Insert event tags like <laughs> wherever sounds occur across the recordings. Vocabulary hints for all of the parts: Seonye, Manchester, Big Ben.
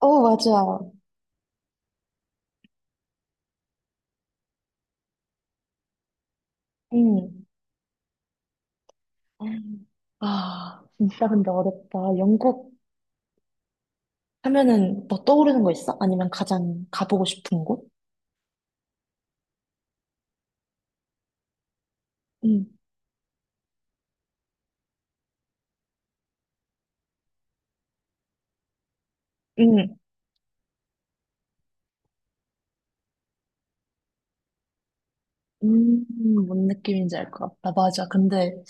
어, 맞아. 음. 아, 진짜 근데 어렵다. 영국 하면은 뭐 떠오르는 거 있어? 아니면 가장 가보고 싶은 곳? 응, 응, 음, 뭔 느낌인지 알 것 같다. 맞아. 근데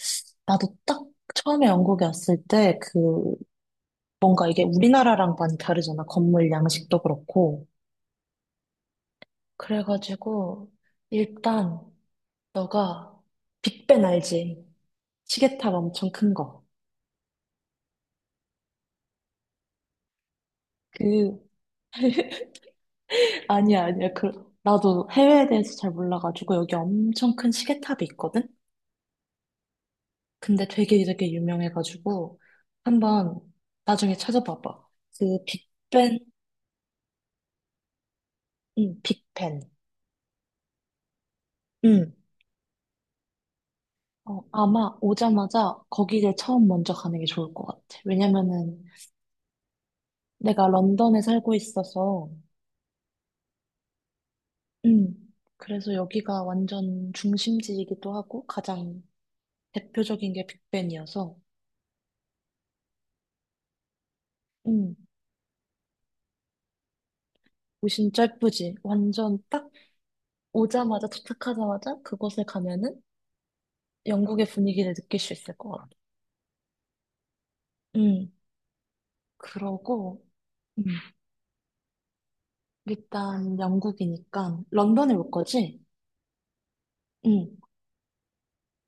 나도 딱 처음에 영국에 왔을 때 그 뭔가 이게 우리나라랑 많이 다르잖아. 건물 양식도 그렇고. 그래가지고 일단 너가 빅벤 알지? 시계탑 엄청 큰 거. 그 <laughs> 아니야, 아니야. 그, 나도 해외에 대해서 잘 몰라가지고, 여기 엄청 큰 시계탑이 있거든? 근데 되게 되게 유명해가지고, 한번 나중에 찾아봐봐. 그 빅벤, 응, 빅벤. 응. 어, 아마 오자마자 거기를 처음 먼저 가는 게 좋을 것 같아. 왜냐면은 내가 런던에 살고 있어서, 응. 그래서 여기가 완전 중심지이기도 하고, 가장 대표적인 게 빅벤이어서, 응. 오신 짧쁘지 완전 딱 오자마자 도착하자마자 그곳에 가면은 영국의 분위기를 느낄 수 있을 것 같아. 음, 그러고, 음. 일단 영국이니까 런던에 올 거지? 응.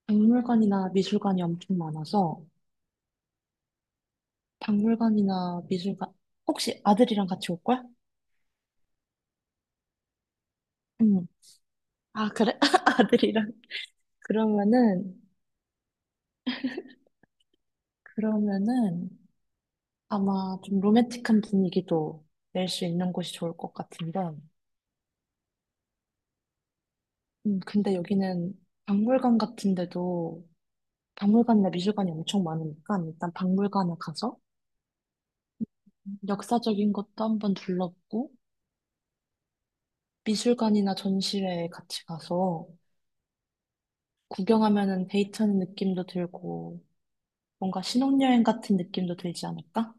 박물관이나 미술관이 엄청 많아서 박물관이나 미술관 혹시 아들이랑 같이 올 거야? 응. 아, 그래? <laughs> 아들이랑. 그러면은 그러면은 아마 좀 로맨틱한 분위기도 낼 수 있는 곳이 좋을 것 같은데. 근데 여기는 박물관 같은데도 박물관이나 미술관이 엄청 많으니까 일단 박물관을 가서 역사적인 것도 한번 둘러보고 미술관이나 전시회에 같이 가서 구경하면은 데이트하는 느낌도 들고 뭔가 신혼여행 같은 느낌도 들지 않을까?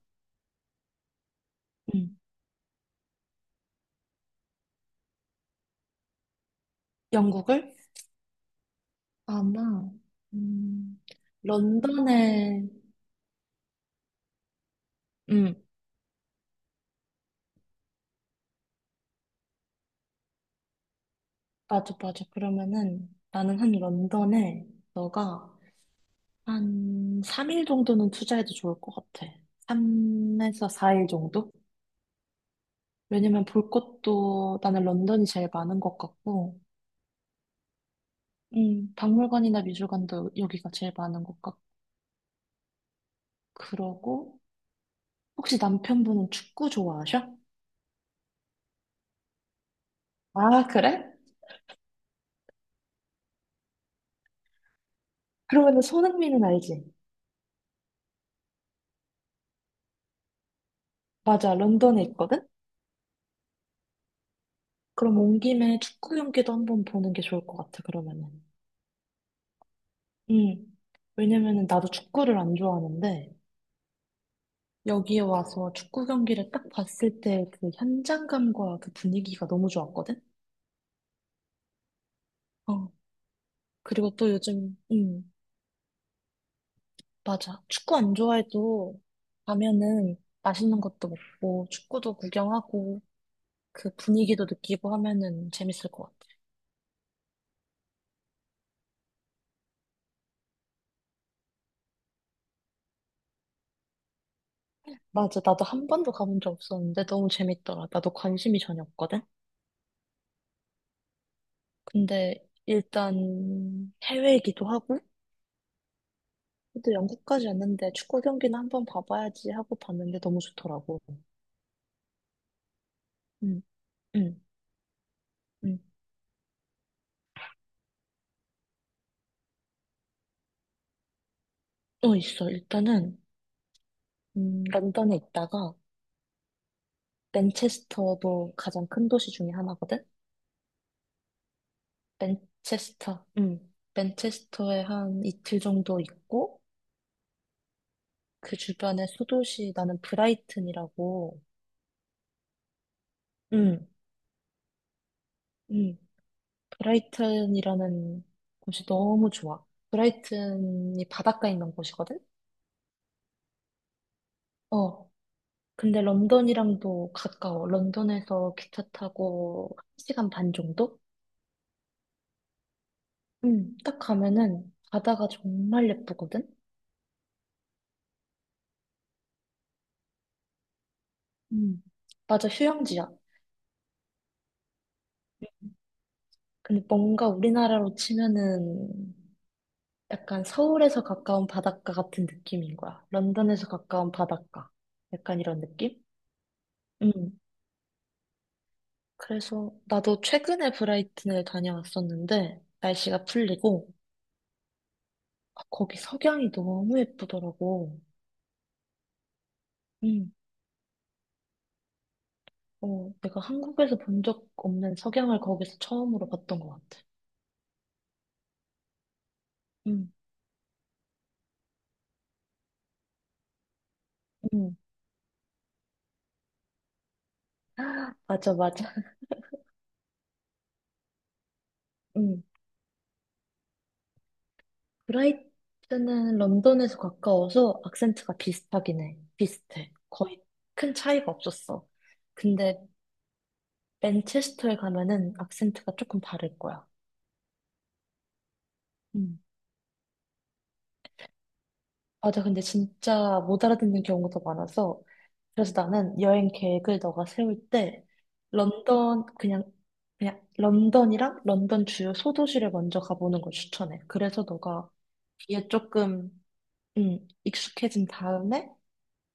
음. 영국을 아마 음, 런던에 음 맞아 맞아 그러면은 나는 한 런던에 너가 한 3일 정도는 투자해도 좋을 것 같아. 3에서 4일 정도? 왜냐면 볼 것도 나는 런던이 제일 많은 것 같고, 박물관이나 미술관도 여기가 제일 많은 것 같고, 그러고, 혹시 남편분은 축구 좋아하셔? 아, 그래? 그러면 손흥민은 알지? 맞아, 런던에 있거든? 그럼 온 김에 축구 경기도 한번 보는 게 좋을 것 같아, 그러면은. 음. 왜냐면은 나도 축구를 안 좋아하는데, 여기에 와서 축구 경기를 딱 봤을 때 그 현장감과 그 분위기가 너무 좋았거든? 어. 그리고 또 요즘, 맞아. 축구 안 좋아해도 가면은 맛있는 것도 먹고 축구도 구경하고 그 분위기도 느끼고 하면은 재밌을 것 같아. 맞아. 나도 한 번도 가본 적 없었는데 너무 재밌더라. 나도 관심이 전혀 없거든. 근데 일단 해외이기도 하고 또 영국까지 왔는데 축구 경기는 한번 봐봐야지 하고 봤는데 너무 좋더라고. 응, 응, 응. 어, 있어. 일단은 런던에 있다가 맨체스터도 가장 큰 도시 중에 하나거든. 맨체스터. 응. 맨체스터에 한 이틀 정도 있고, 그 주변에 소도시, 나는 브라이튼이라고, 응. 음, 브라이튼이라는 곳이 너무 좋아. 브라이튼이 바닷가에 있는 곳이거든? 어. 근데 런던이랑도 가까워. 런던에서 기차 타고 한 시간 반 정도? 응. 딱 가면은 바다가 정말 예쁘거든? 응. 맞아, 휴양지야. 근데 뭔가 우리나라로 치면은 약간 서울에서 가까운 바닷가 같은 느낌인 거야. 런던에서 가까운 바닷가. 약간 이런 느낌? 음. 그래서 나도 최근에 브라이튼을 다녀왔었는데 날씨가 풀리고 아, 거기 석양이 너무 예쁘더라고. 음. 어, 내가 한국에서 본 적 없는 석양을 거기서 처음으로 봤던 것 같아. 음. 음. <gasps> <laughs> 맞아, 맞아. 음. 브라이트는 런던에서 가까워서 악센트가 비슷하긴 해. 비슷해. 거의 큰 차이가 없었어. 근데 맨체스터에 가면은 악센트가 조금 다를 거야. 음. 맞아. 근데 진짜 못 알아듣는 경우가 더 많아서 그래서 나는 여행 계획을 너가 세울 때 런던 그냥 런던이랑 런던 주요 소도시를 먼저 가보는 걸 추천해. 그래서 너가 뒤에 조금 익숙해진 다음에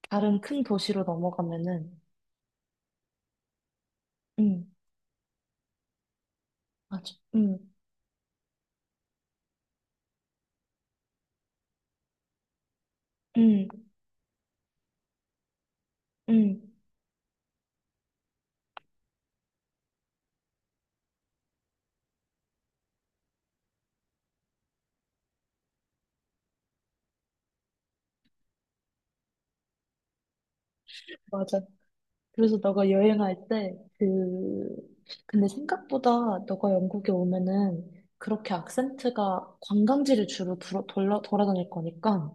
다른 큰 도시로 넘어가면은 응, 맞아. 응, 응, 응, 맞아. 그래서 너가 여행할 때, 그, 근데 생각보다 너가 영국에 오면은 그렇게 악센트가 관광지를 주로 돌아다닐 거니까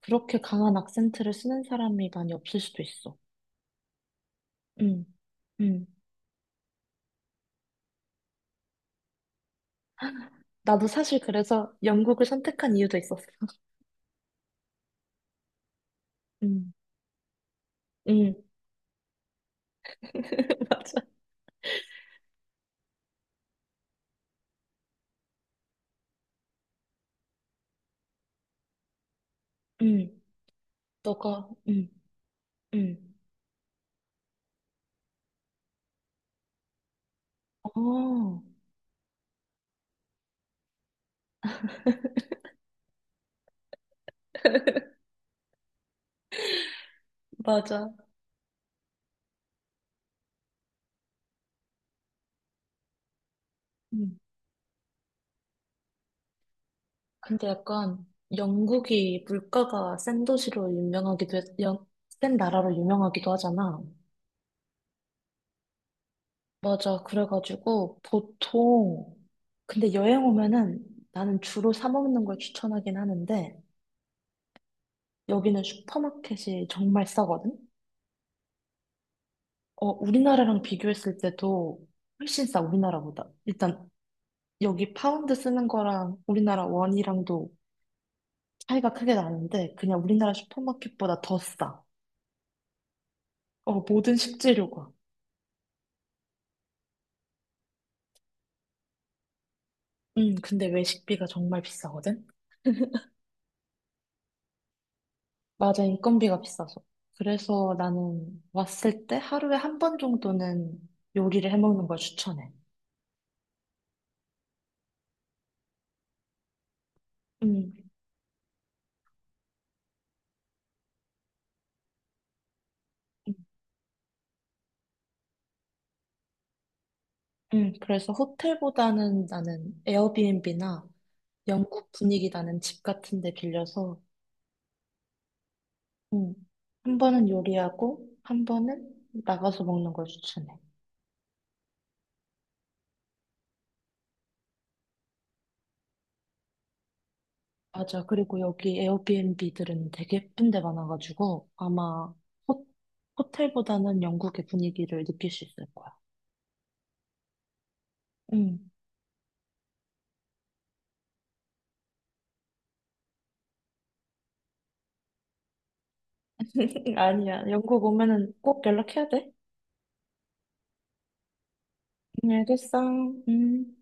그렇게 강한 악센트를 쓰는 사람이 많이 없을 수도 있어. 응, 응. 나도 사실 그래서 영국을 선택한 이유도 있었어. 응, 응, <laughs> 맞아. 응, 너가, 응, 응. 어, <laughs> 맞아. 응. 근데 약간 영국이 물가가 센 도시로 유명하기도 했, 영- 센 나라로 유명하기도 하잖아. 맞아. 그래가지고 보통 근데 여행 오면은 나는 주로 사 먹는 걸 추천하긴 하는데 여기는 슈퍼마켓이 정말 싸거든. 어, 우리나라랑 비교했을 때도 훨씬 싸, 우리나라보다. 일단 여기 파운드 쓰는 거랑 우리나라 원이랑도 차이가 크게 나는데 그냥 우리나라 슈퍼마켓보다 더 싸. 어, 모든 식재료가. 근데 외식비가 정말 비싸거든? 맞아, 인건비가 비싸서. 그래서 나는 왔을 때 하루에 한 번 정도는 요리를 해 먹는 걸 추천해. 음, 음, 그래서 호텔보다는 나는 에어비앤비나 영국 분위기 나는 집 같은 데 빌려서, 음, 한 번은 요리하고, 한 번은 나가서 먹는 걸 추천해. 맞아. 그리고 여기 에어비앤비들은 되게 예쁜 데 많아가지고 아마 호, 호텔보다는 영국의 분위기를 느낄 수 있을 거야. 응. <laughs> 아니야. 영국 오면은 꼭 연락해야 돼. 응, 알겠어. 응.